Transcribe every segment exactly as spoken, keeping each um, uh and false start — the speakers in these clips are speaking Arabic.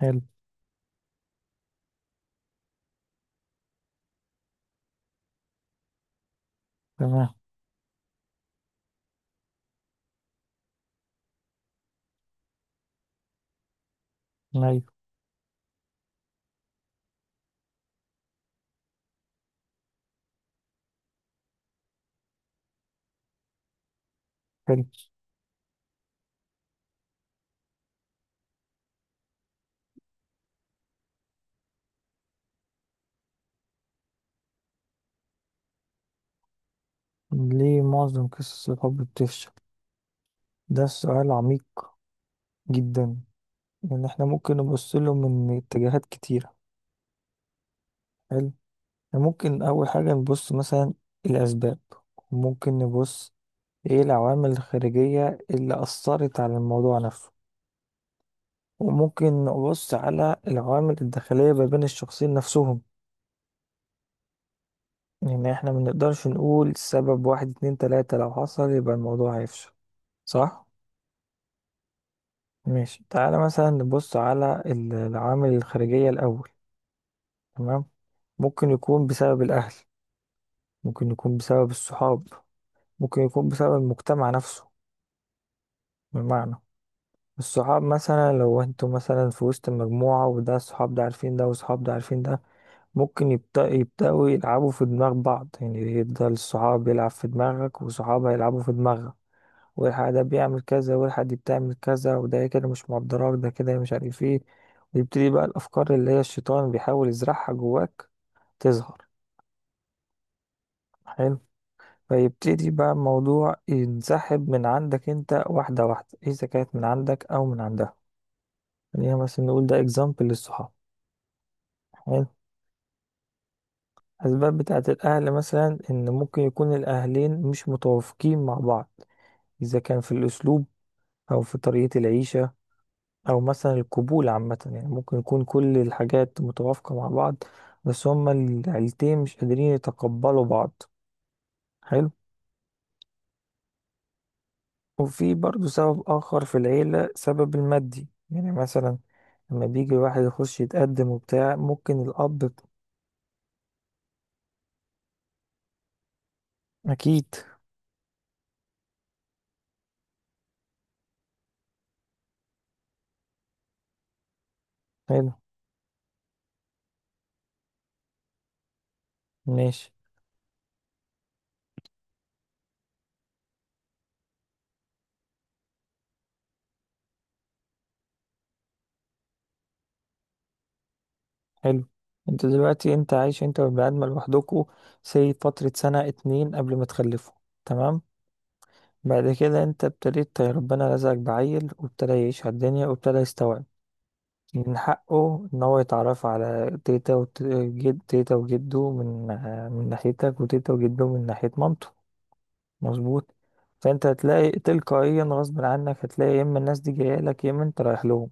حلو. تمام. أيوة. حلو. ليه معظم قصص الحب بتفشل؟ ده سؤال عميق جدا، لأن احنا ممكن نبص له من اتجاهات كتيرة. حلو. إحنا ممكن أول حاجة نبص مثلا الأسباب، وممكن نبص إيه العوامل الخارجية اللي أثرت على الموضوع نفسه، وممكن نبص على العوامل الداخلية ما بين الشخصين نفسهم. يعني احنا منقدرش نقول سبب واحد اتنين تلاتة لو حصل يبقى الموضوع هيفشل، صح؟ ماشي، تعالى مثلا نبص على ال- العوامل الخارجية الأول. تمام. ممكن يكون بسبب الأهل، ممكن يكون بسبب الصحاب، ممكن يكون بسبب المجتمع نفسه. بمعنى، الصحاب مثلا لو انتوا مثلا في وسط مجموعة وده الصحاب ده عارفين ده والصحاب ده عارفين ده، ممكن يبدأ يبدأوا يلعبوا في دماغ بعض، يعني يفضل الصحاب يلعب في دماغك وصحاب هيلعبوا في دماغك، والحق ده بيعمل كذا والحق دي بتعمل كذا، وده كده مش مقدراك، ده كده مش عارف ايه. ويبتدي بقى الأفكار اللي هي الشيطان بيحاول يزرعها جواك تظهر. حلو. فيبتدي بقى الموضوع ينسحب من عندك انت واحدة واحدة، إذا كانت من عندك أو من عندها. خلينا مثلا نقول ده اكزامبل للصحاب. حلو. أسباب بتاعة الأهل مثلا إن ممكن يكون الأهلين مش متوافقين مع بعض، إذا كان في الأسلوب، أو في طريقة العيشة، او مثلا القبول عامه، يعني ممكن يكون كل الحاجات متوافقه مع بعض بس هما العيلتين مش قادرين يتقبلوا بعض. حلو. وفي برضو سبب اخر في العيله، سبب المادي، يعني مثلا لما بيجي الواحد يخش يتقدم وبتاع، ممكن الاب. اكيد. حلو. ماشي. حلو. انت دلوقتي انت عايش انت والبني ادم لوحدكوا، سي فتره سنه اتنين قبل ما تخلفوا. تمام. بعد كده انت ابتديت ربنا رزقك بعيل وابتدى يعيش على الدنيا وابتدى يستوعب. من حقه إن هو يتعرف على تيتا وجد، تيتا وجده من آه، من ناحيتك، وتيتا وجده من ناحية مامته. مظبوط. فأنت هتلاقي تلقائيا غصب عنك، هتلاقي يا إما الناس دي جاية لك يا إما أنت رايح لهم.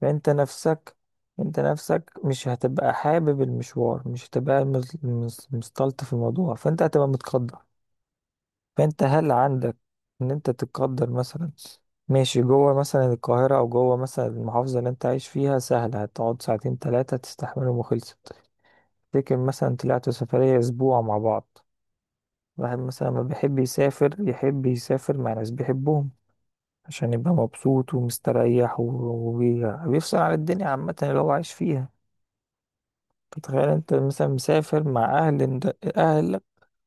فأنت نفسك، أنت نفسك مش هتبقى حابب المشوار، مش هتبقى مز- مز- مستلطف في الموضوع، فأنت هتبقى متقدر. فانت هل عندك ان انت تقدر مثلا ماشي جوه مثلا القاهرة او جوه مثلا المحافظة اللي انت عايش فيها، سهلة، هتقعد ساعتين تلاتة تستحملهم وخلصت. تفتكر مثلا طلعتوا سفرية اسبوع مع بعض؟ واحد مثلا ما بيحب يسافر، يحب يسافر مع ناس بيحبهم، عشان يبقى مبسوط ومستريح و- وبي- وبيفصل عن الدنيا عامة اللي هو عايش فيها. تتخيل انت مثلا مسافر مع اهل، اهلك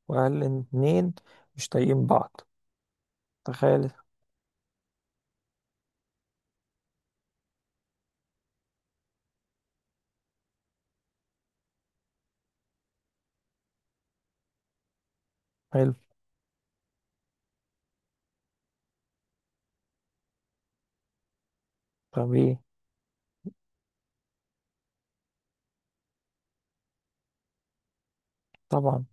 واهل اتنين مش طايقين بعض؟ تخيل. حلو. طب ايه؟ طبعا.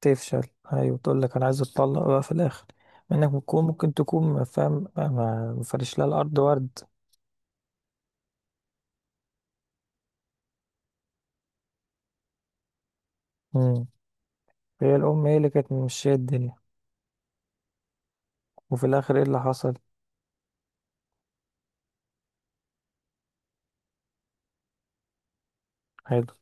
تفشل. هاي، وتقول لك انا عايز اتطلق بقى في الاخر، مع انك ممكن ممكن تكون فاهم ما ما فرش لها الارض ورد. مم. هي الام هي اللي كانت ممشيه الدنيا. وفي الاخر ايه اللي حصل؟ عادي.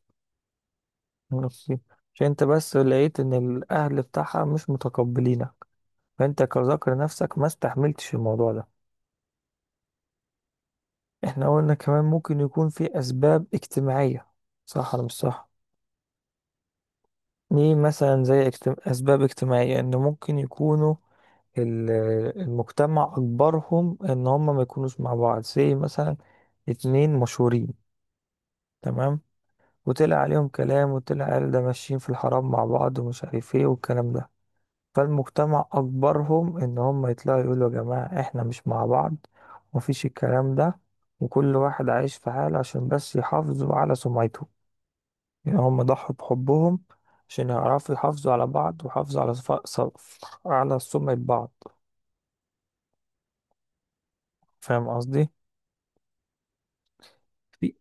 نصيب. عشان انت بس لقيت ان الاهل بتاعها مش متقبلينك، فانت كذكر نفسك ما استحملتش الموضوع ده. احنا قلنا كمان ممكن يكون في اسباب اجتماعيه، صح ولا مش صح؟ ليه مثلا زي اجتم... اسباب اجتماعيه، ان ممكن يكونوا ال- المجتمع أجبرهم إن هم ما يكونوش مع بعض، زي مثلا اتنين مشهورين، تمام، وطلع عليهم كلام وطلع قال ده ماشيين في الحرام مع بعض ومش عارف ايه والكلام ده، فالمجتمع أجبرهم إن هم يطلعوا يقولوا يا جماعة احنا مش مع بعض ومفيش الكلام ده، وكل واحد عايش في حاله عشان بس يحافظوا على سمعته. يعني هم ضحوا بحبهم عشان يعرفوا يحافظوا على بعض ويحافظوا على صف... صف... على سمعة بعض. فاهم قصدي؟ في.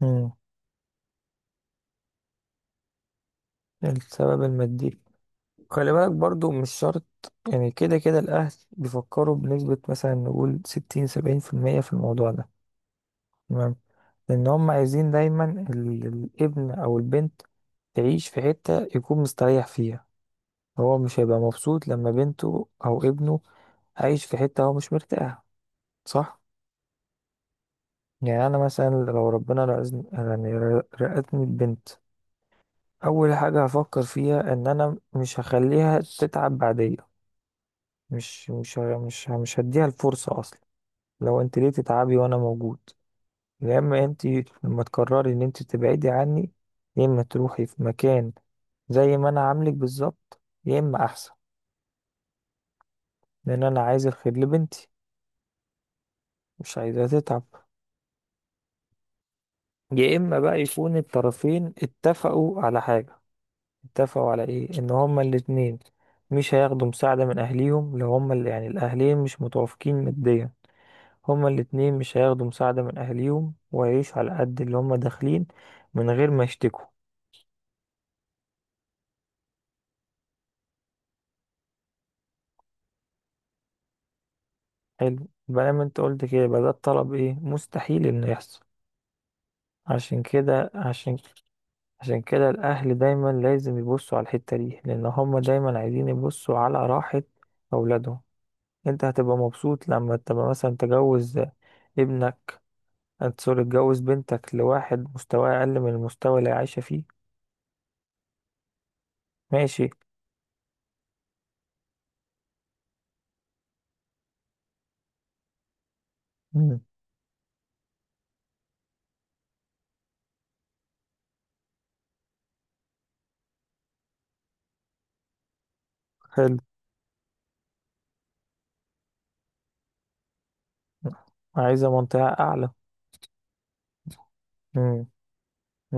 مم. السبب المادي، خلي بالك برضو مش شرط. يعني كده كده الأهل بيفكروا بنسبة مثلا نقول ستين سبعين في المية في الموضوع ده. تمام. لأن هم عايزين دايما ال- الابن أو البنت تعيش في حتة يكون مستريح فيها. هو مش هيبقى مبسوط لما بنته أو ابنه عايش في حتة هو مش مرتاح، صح؟ يعني أنا مثلا لو ربنا رزقني يعني رزقني ببنت، أول حاجة هفكر فيها إن أنا مش هخليها تتعب بعدين. مش مش ه- مش ه- مش هديها الفرصة أصلا. لو أنت ليه تتعبي وأنا موجود؟ يا إما أنت لما تقرري إن أنت تبعدي عني، يا إما تروحي في مكان زي ما أنا عاملك بالظبط يا إما أحسن، لأن أنا عايز الخير لبنتي، مش عايزها تتعب. يا إما بقى يكون الطرفين اتفقوا على حاجة، اتفقوا على إيه؟ إن هما الاتنين مش هياخدوا مساعدة من أهليهم، لو هما اللي يعني الأهلين مش متوافقين ماديا. هما الاتنين مش هياخدوا مساعدة من أهليهم ويعيشوا على قد اللي هما داخلين من غير ما يشتكوا. حلو بقى، ما انت قلت كده يبقى ده الطلب ايه مستحيل انه يحصل. عشان كده عشان عشان كده الأهل دايما لازم يبصوا على الحتة دي، لأن هما دايما عايزين يبصوا على راحة أولادهم. انت هتبقى مبسوط لما تبقى مثلا تجوز ابنك، سوري تجوز بنتك لواحد مستواه أقل من المستوى اللي هي عايشة فيه؟ ماشي. مم. حلو. عايزة منطقة أعلى. امم.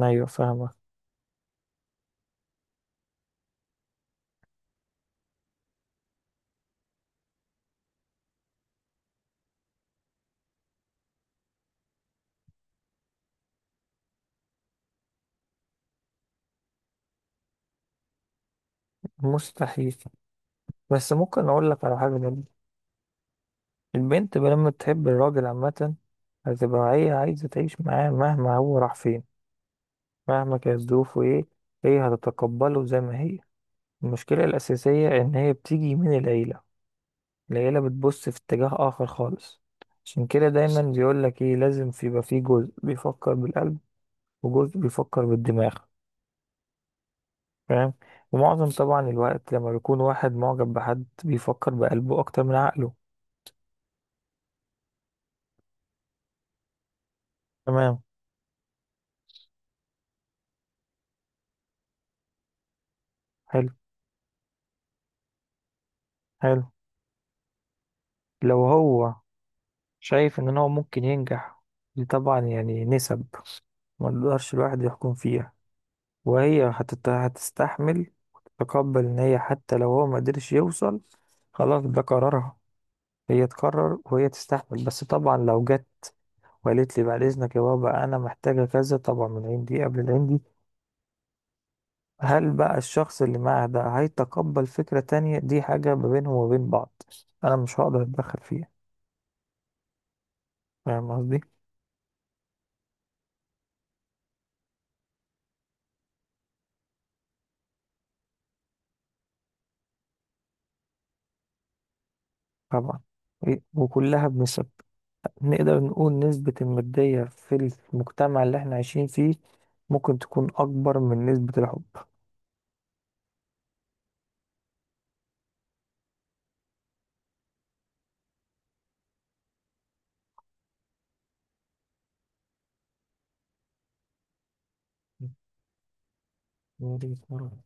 ايوه، فاهمك. مستحيل، بس ممكن اقول لك على حاجه جميلة. البنت لما تحب الراجل عامه هتبقى هي عايزه تعيش معاه مهما هو راح فين، مهما كانت ظروفه ايه، هي هتتقبله زي ما هي. المشكله الاساسيه ان هي بتيجي من العيله، العيله بتبص في اتجاه اخر خالص. عشان كده دايما بيقول لك ايه، لازم في- يبقى في جزء بيفكر بالقلب وجزء بيفكر بالدماغ. فاهم. ومعظم طبعا الوقت لما بيكون واحد معجب بحد بيفكر بقلبه اكتر من عقله. تمام. حلو. حلو. لو هو شايف ان هو ممكن ينجح، دي طبعا يعني نسب ما نقدرش الواحد يحكم فيها. وهي هتت- هتستحمل وتتقبل ان هي حتى لو هو ما قدرش يوصل، خلاص ده قرارها، هي تقرر وهي تستحمل. بس طبعا لو جت وقالت لي بعد اذنك يا بابا انا محتاجة كذا، طبعا من عندي قبل العندي. هل بقى الشخص اللي معاه ده هيتقبل فكرة تانية؟ دي حاجة ما بينهم وبين بعض، انا مش هقدر اتدخل فيها. فاهم قصدي؟ طبعا. إيه، وكلها بنسب. نقدر نقول نسبة المادية في المجتمع اللي احنا عايشين فيه ممكن تكون أكبر من نسبة الحب. وليد مرة.